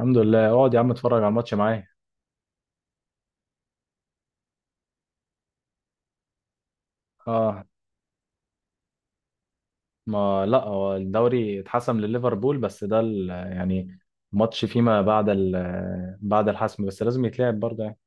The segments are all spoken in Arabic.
الحمد لله. اقعد يا عم، اتفرج على الماتش معايا. اه. ما لا هو الدوري اتحسم لليفربول، بس ده يعني ماتش فيما بعد بعد الحسم، بس لازم يتلعب برضه يعني.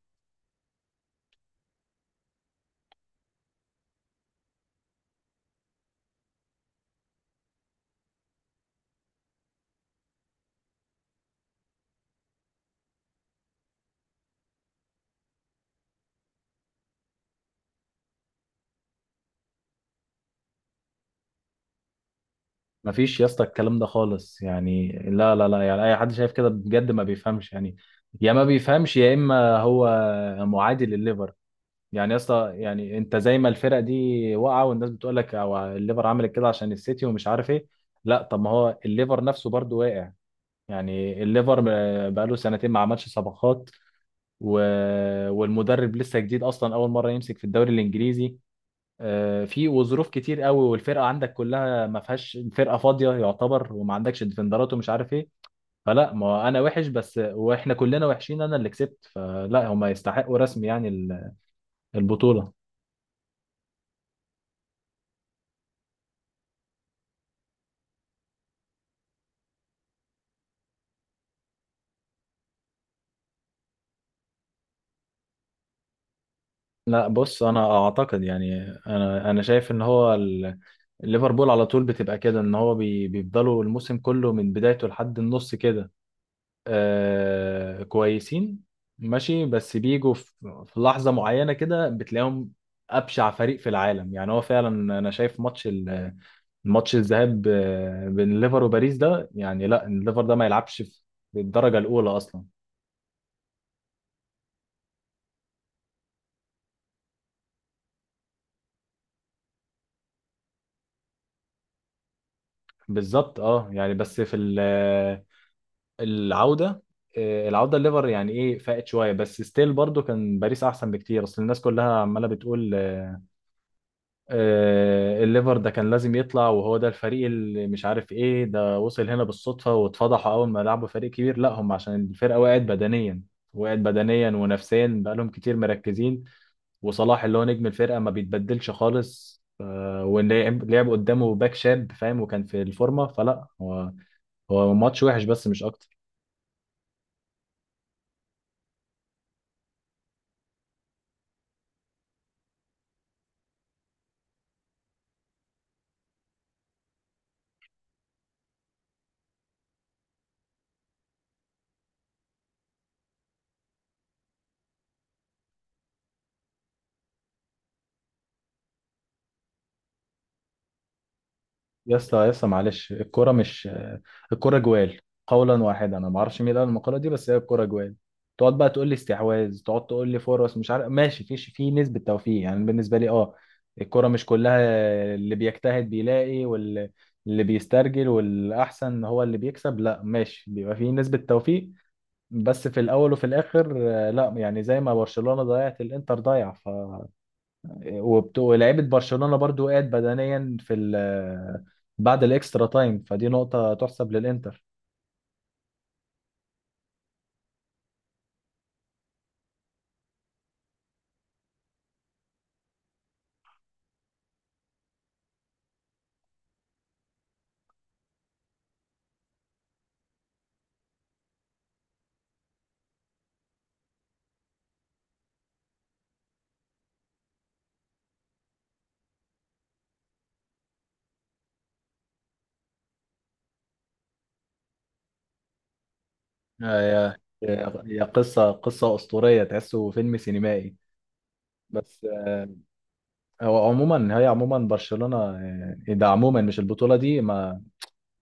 ما فيش يا اسطى الكلام ده خالص يعني. لا لا لا، يعني اي حد شايف كده بجد ما بيفهمش، يعني يا ما بيفهمش يا اما هو معادي لليفر. يعني يا اسطى، يعني انت زي ما الفرق دي واقعه، والناس بتقول لك او الليفر عملت كده عشان السيتي ومش عارف ايه. لا، طب ما هو الليفر نفسه برضه واقع. يعني الليفر بقاله سنتين ما عملش صفقات، و... والمدرب لسه جديد اصلا، اول مره يمسك في الدوري الانجليزي. في وظروف كتير قوي، والفرقه عندك كلها ما فيهاش، الفرقه فاضيه يعتبر، وما عندكش ديفندرات ومش عارف ايه. فلا ما انا وحش بس، واحنا كلنا وحشين، انا اللي كسبت. فلا هما يستحقوا رسمي يعني البطوله. لا بص، انا اعتقد يعني انا شايف ان هو ليفربول على طول بتبقى كده، ان هو بيفضلوا الموسم كله من بدايته لحد النص كده. آه كويسين، ماشي، بس بيجوا في لحظة معينة كده بتلاقيهم أبشع فريق في العالم، يعني هو فعلا. أنا شايف ماتش الذهاب بين ليفر وباريس، ده يعني لا، الليفر ده ما يلعبش في الدرجة الأولى أصلا. بالظبط اه، يعني بس في العودة. العودة الليفر يعني ايه فاقت شوية، بس ستيل برضو كان باريس أحسن بكتير. أصل الناس كلها عمالة بتقول الليفر ده كان لازم يطلع، وهو ده الفريق اللي مش عارف ايه. ده وصل هنا بالصدفة واتفضحوا اول ما لعبوا فريق كبير، لا هم عشان الفرقة وقعت بدنيا، وقعت بدنيا ونفسيا، بقالهم كتير مركزين. وصلاح اللي هو نجم الفرقة ما بيتبدلش خالص، ولعب لعب قدامه باك شاب فاهم وكان في الفورمة. فلا هو ماتش وحش بس مش اكتر. يا اسطى يا اسطى، معلش، الكرة مش الكرة جوال. قولا واحدا، انا ما اعرفش مين قال المقالة دي، بس هي الكرة جوال. تقعد بقى تقول لي استحواذ، تقعد تقول لي فرص، مش عارف، ماشي، في نسبة توفيق، يعني بالنسبة لي اه. الكرة مش كلها. اللي بيجتهد بيلاقي، واللي بيسترجل والأحسن هو اللي بيكسب. لا ماشي، بيبقى في نسبة توفيق، بس في الأول وفي الآخر لا يعني زي ما برشلونة ضيعت، الإنتر ضيع، ولعيبه برشلونه برضو وقعت بدنيا في ال بعد الاكسترا تايم، فدي نقطه تحسب للانتر. آه. يا هي قصه قصه اسطوريه، تحسه فيلم سينمائي. بس هو عموما، هي عموما برشلونه ده عموما مش البطوله دي ما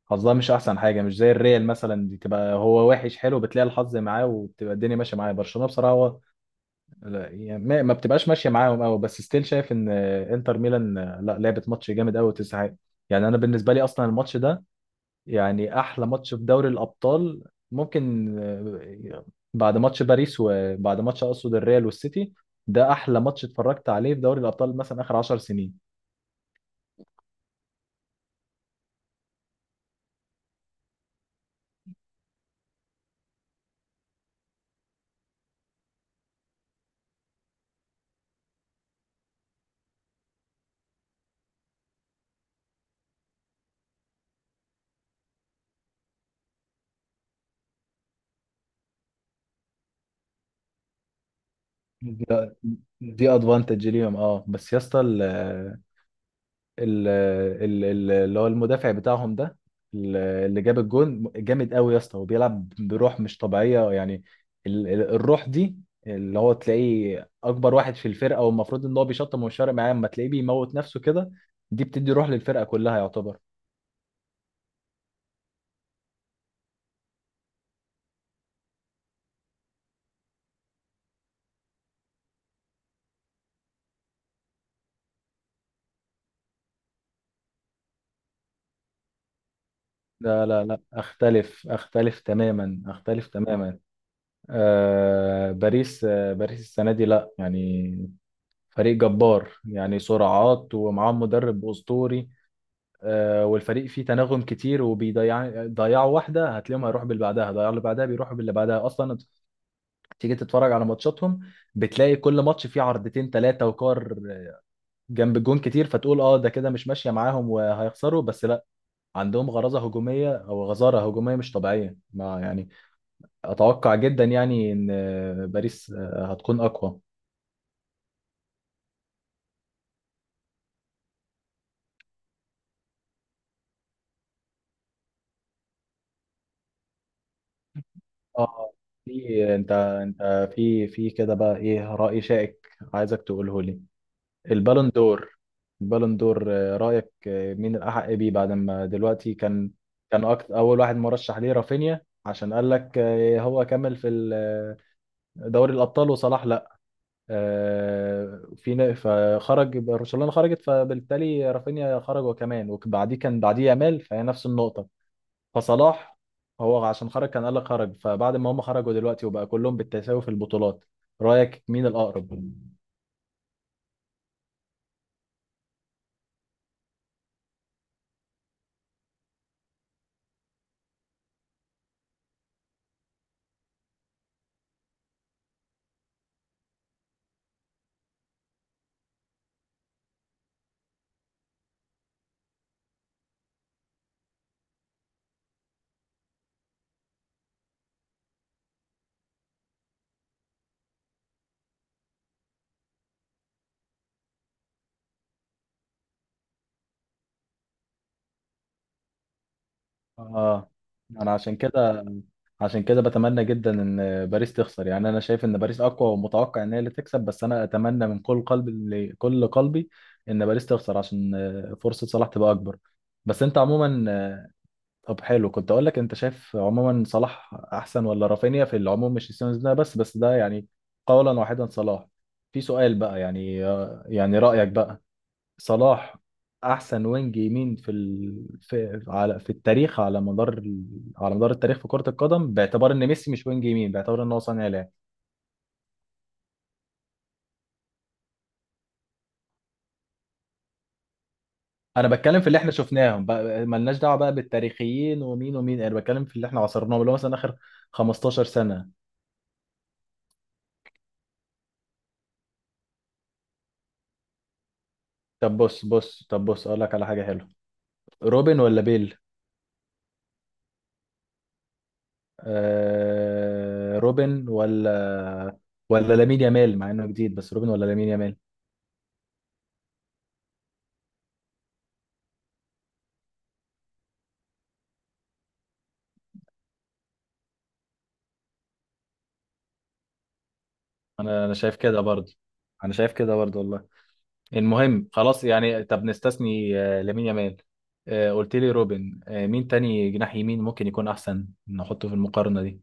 حظها مش احسن حاجه، مش زي الريال مثلا دي تبقى هو وحش حلو بتلاقي الحظ معاه وبتبقى الدنيا ماشيه معاه. برشلونه بصراحه هو لا يعني، ما بتبقاش ماشيه معاهم قوي، بس ستيل شايف ان انتر ميلان لا لعبت ماتش جامد قوي وتسعة. يعني انا بالنسبه لي اصلا الماتش ده يعني احلى ماتش في دوري الابطال، ممكن بعد ماتش باريس، وبعد ماتش اقصد الريال والسيتي. ده احلى ماتش اتفرجت عليه في دوري الابطال، مثلا اخر 10 سنين. ده- دي ادفانتج ليهم اه. بس يا اسطى، ال- اللي هو المدافع بتاعهم ده، اللي جاب الجون جامد قوي يا اسطى، وبيلعب بروح مش طبيعية، يعني الروح دي اللي هو تلاقيه اكبر واحد في الفرقة والمفروض ان هو بيشطم ومش فارق معاه، اما تلاقيه بيموت نفسه كده. دي بتدي روح للفرقة كلها يعتبر. لا لا لا، اختلف تماما، اختلف تماما. باريس السنة دي، لا يعني فريق جبار يعني، سرعات ومعاهم مدرب أسطوري. والفريق فيه تناغم كتير، ضيعوا واحده هتلاقيهم هيروحوا باللي بعدها، ضيعوا اللي بعدها بيروحوا باللي بعدها اصلا. تيجي تتفرج على ماتشاتهم، بتلاقي كل ماتش فيه عرضتين ثلاثه، وكار جنب الجون كتير، فتقول اه ده كده مش ماشيه معاهم وهيخسروا، بس لا. عندهم غرازه هجوميه او غزاره هجوميه مش طبيعيه، ما يعني اتوقع جدا يعني ان باريس هتكون اقوى. اه، في، انت في كده بقى ايه رأي شائك عايزك تقوله لي. البالون دور البالون دور رأيك مين الأحق بيه بعد ما دلوقتي أول واحد مرشح ليه رافينيا، عشان قال لك هو كمل في دوري الأبطال، وصلاح لا. فخرج برشلونة، خرجت، فبالتالي رافينيا خرج وكمان، وبعديه بعديه يامال، فهي نفس النقطة. فصلاح هو عشان خرج كان قال لك خرج، فبعد ما هم خرجوا دلوقتي، وبقى كلهم بالتساوي في البطولات، رأيك مين الأقرب؟ اه، انا عشان كده بتمنى جدا ان باريس تخسر، يعني انا شايف ان باريس اقوى ومتوقع ان هي اللي تكسب، بس انا اتمنى من كل قلبي كل قلبي ان باريس تخسر عشان فرصة صلاح تبقى اكبر. بس انت عموما طب حلو، كنت اقول لك، انت شايف عموما صلاح احسن ولا رافينيا في العموم، مش السيزون ده بس ده يعني قولا واحدا صلاح. في سؤال بقى يعني، يعني رأيك بقى صلاح احسن وينج يمين في التاريخ، على مدار التاريخ في كرة القدم، باعتبار ان ميسي مش وينج يمين، باعتبار ان هو صانع لعب. انا بتكلم في اللي احنا شفناهم بقى، ملناش دعوة بقى بالتاريخيين ومين ومين، انا بتكلم في اللي احنا عاصرناهم، اللي هو مثلا اخر 15 سنة. طب بص اقول لك على حاجة حلوة، روبن ولا بيل؟ روبن ولا لامين يامال، مع انه جديد، بس روبن ولا لامين يامال؟ انا شايف كده برضه، انا شايف كده برضه والله. المهم خلاص يعني، طب نستثني لامين يامال. قلت لي روبن، مين تاني جناح يمين ممكن يكون احسن نحطه في المقارنة دي؟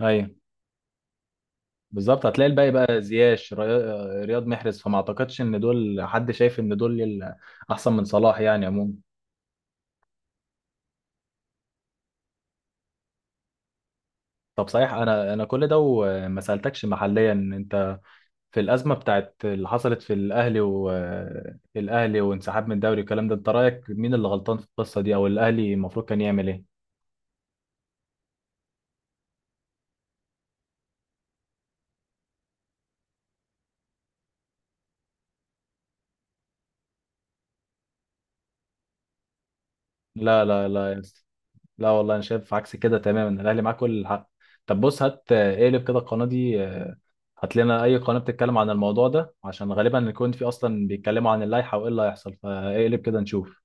ايوه، بالظبط، هتلاقي الباقي بقى زياش رياض محرز، فما اعتقدش ان دول حد شايف ان دول احسن من صلاح يعني عموما. طب صحيح، انا كل ده وما سألتكش محليا انت في الأزمة بتاعت اللي حصلت في الأهلي والأهلي وانسحاب من الدوري والكلام ده، انت رأيك مين اللي غلطان في القصة دي، او الأهلي المفروض كان يعمل ايه؟ لا لا لا، لا والله، انا شايف عكس كده تماما، الاهلي معاه كل الحق. طب بص، هات آه، اقلب كده القناه دي، هات لنا اي قناه بتتكلم عن الموضوع ده، عشان غالبا يكون في اصلا بيتكلموا عن اللائحه وايه اللي هيحصل، فاقلب كده نشوف.